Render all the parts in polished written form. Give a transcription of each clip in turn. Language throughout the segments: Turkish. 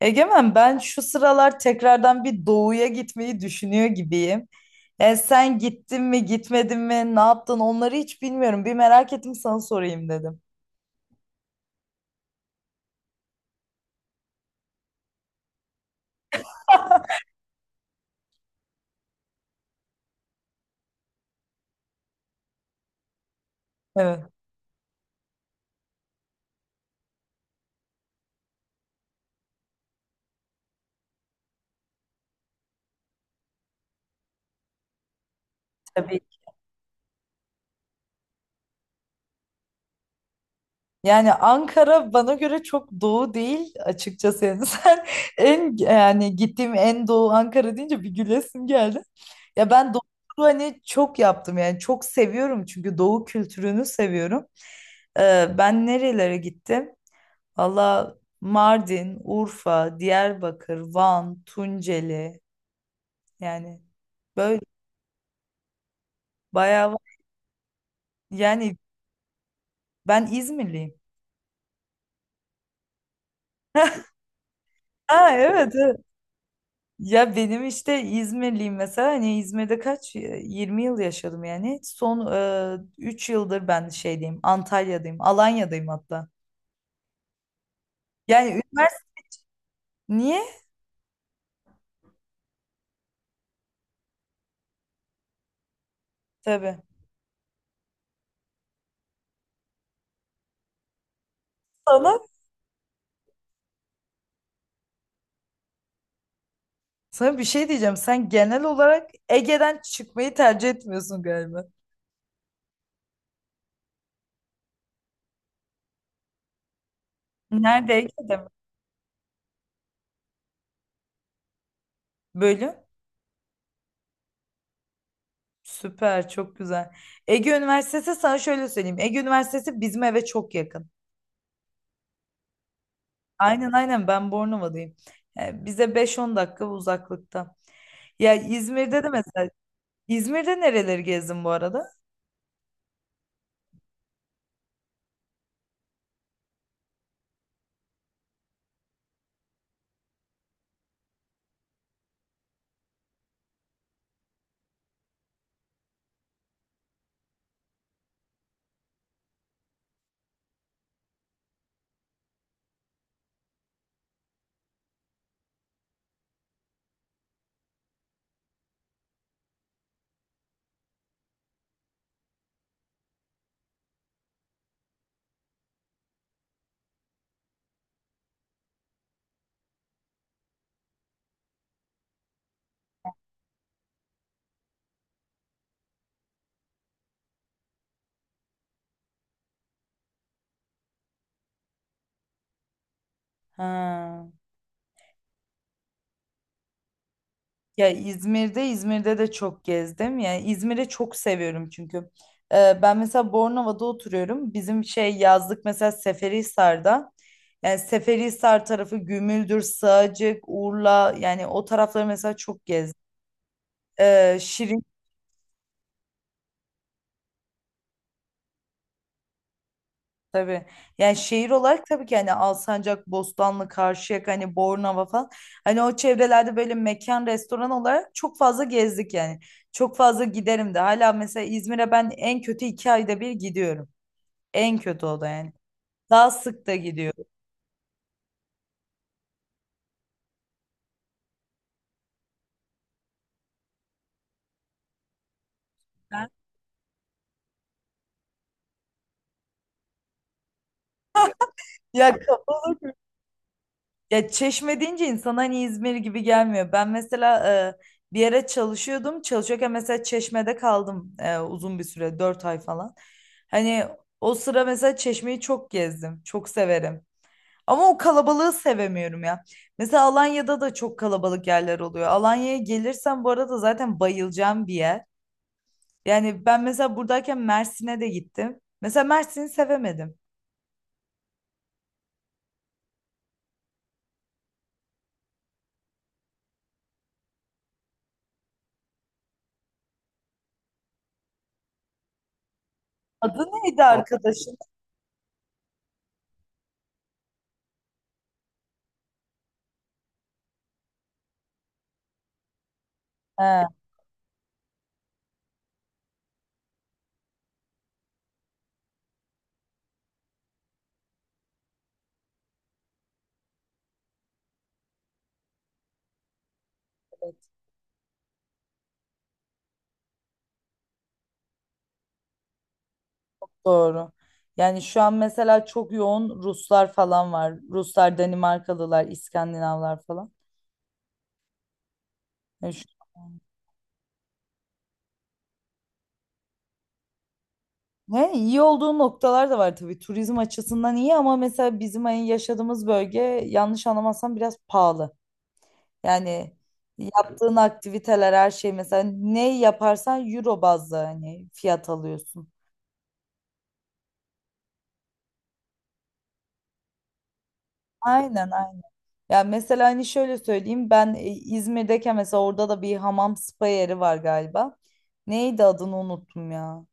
Egemen, ben şu sıralar tekrardan bir doğuya gitmeyi düşünüyor gibiyim. Yani sen gittin mi gitmedin mi ne yaptın onları hiç bilmiyorum. Bir merak ettim, sana sorayım dedim. Evet, tabii. Yani Ankara bana göre çok doğu değil açıkçası. Yani sen en yani gittiğim en doğu Ankara deyince bir gülesim geldi. Ya ben doğu turu hani çok yaptım, yani çok seviyorum çünkü doğu kültürünü seviyorum. Ben nerelere gittim? Valla, Mardin, Urfa, Diyarbakır, Van, Tunceli, yani böyle bayağı var. Yani ben İzmirliyim. Ha, evet, evet. Ya benim işte İzmirliyim, mesela hani İzmir'de 20 yıl yaşadım yani. Son 3 yıldır ben şeydeyim, Antalya'dayım, Alanya'dayım hatta. Yani üniversite, niye? Tabii. Sana, sana bir şey diyeceğim. Sen genel olarak Ege'den çıkmayı tercih etmiyorsun galiba. Nerede, Ege'de mi? Bölüm? Süper, çok güzel. Ege Üniversitesi, sana şöyle söyleyeyim. Ege Üniversitesi bizim eve çok yakın. Aynen, aynen, ben Bornova'dayım. Yani bize beş on dakika uzaklıkta. Ya İzmir'de de mesela, İzmir'de nereleri gezdin bu arada? Ha. Ya İzmir'de, İzmir'de de çok gezdim. Yani İzmir'i çok seviyorum çünkü. Ben mesela Bornova'da oturuyorum. Bizim şey yazlık mesela Seferihisar'da. Yani Seferihisar tarafı Gümüldür, Sığacık, Urla, yani o tarafları mesela çok gezdim. Şirin Tabii. Yani şehir olarak tabii ki hani Alsancak, Bostanlı, Karşıyaka, hani Bornova falan. Hani o çevrelerde böyle mekan, restoran olarak çok fazla gezdik yani. Çok fazla giderim de. Hala mesela İzmir'e ben en kötü 2 ayda bir gidiyorum. En kötü o da yani. Daha sık da gidiyorum. Ben- Ya kapalı Ya Çeşme deyince insan hani İzmir gibi gelmiyor. Ben mesela bir yere çalışıyordum. Çalışıyorken mesela Çeşme'de kaldım, uzun bir süre, 4 ay falan. Hani o sıra mesela Çeşme'yi çok gezdim. Çok severim. Ama o kalabalığı sevemiyorum ya. Mesela Alanya'da da çok kalabalık yerler oluyor. Alanya'ya gelirsem bu arada zaten bayılacağım bir yer. Yani ben mesela buradayken Mersin'e de gittim. Mesela Mersin'i sevemedim. Adı neydi arkadaşın? He. Doğru. Yani şu an mesela çok yoğun Ruslar falan var. Ruslar, Danimarkalılar, İskandinavlar falan. Yani şu- he, iyi olduğu noktalar da var tabii. Turizm açısından iyi, ama mesela bizim hani yaşadığımız bölge, yanlış anlamazsam, biraz pahalı. Yani yaptığın aktiviteler her şey, mesela ne yaparsan euro bazlı hani fiyat alıyorsun. Aynen, aynen. Ya mesela hani şöyle söyleyeyim, ben İzmir'deyken mesela orada da bir hamam spa yeri var galiba. Neydi adını unuttum ya.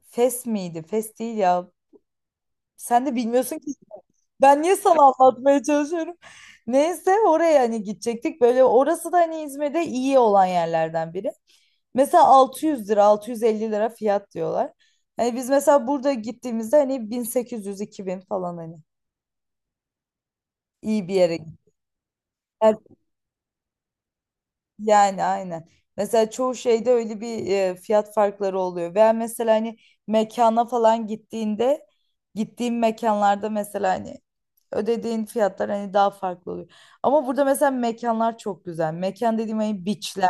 Fes miydi? Fes değil ya. Sen de bilmiyorsun ki. Ben niye sana anlatmaya çalışıyorum? Neyse, oraya hani gidecektik. Böyle orası da hani İzmir'de iyi olan yerlerden biri. Mesela 600 lira, 650 lira fiyat diyorlar. Hani biz mesela burada gittiğimizde hani 1800-2000 falan hani iyi bir yere gittik. Yani aynen. Mesela çoğu şeyde öyle bir fiyat farkları oluyor. Veya mesela hani mekana falan gittiğinde, gittiğim mekanlarda mesela hani ödediğin fiyatlar hani daha farklı oluyor. Ama burada mesela mekanlar çok güzel. Mekan dediğim hani beachler.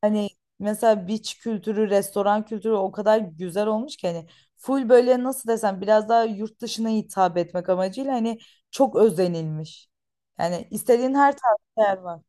Hani mesela beach kültürü, restoran kültürü o kadar güzel olmuş ki hani full böyle nasıl desem, biraz daha yurt dışına hitap etmek amacıyla hani çok özenilmiş. Yani istediğin her tarz yer var.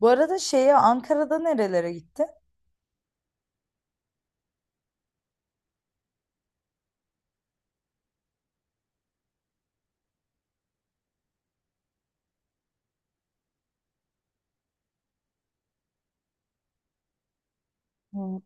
Bu arada şeye Ankara'da nerelere gittin? Hı.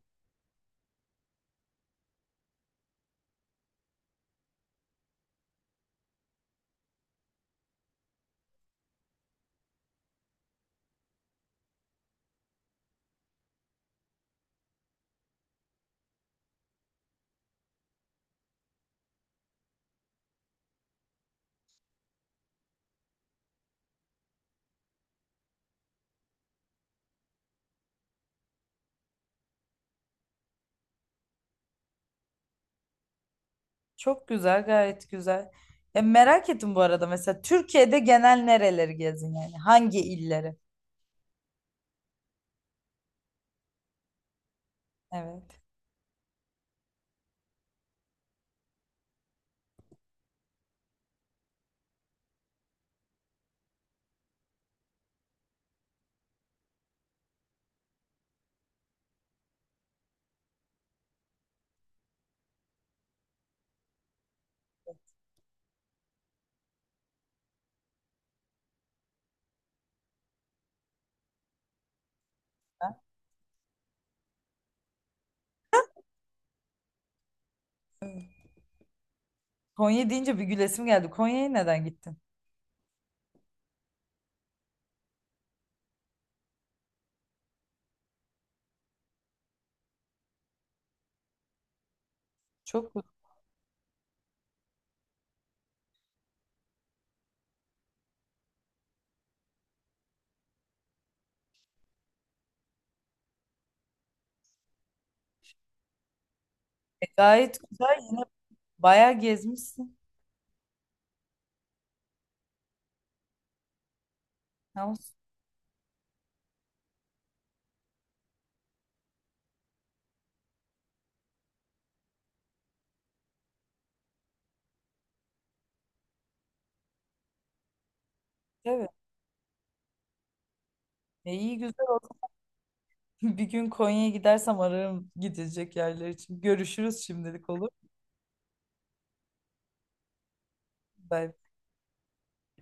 Çok güzel, gayet güzel. Ya merak ettim bu arada mesela Türkiye'de genel nereleri gezin yani? Hangi illeri? Evet. Ha? Konya deyince bir gülesim geldi. Konya'ya neden gittin? Çok güzel. E, gayet güzel. Yine bayağı gezmişsin. Ama evet. E, iyi güzel oldu. Bir gün Konya'ya gidersem ararım gidecek yerler için. Görüşürüz şimdilik, mu? Bay bay.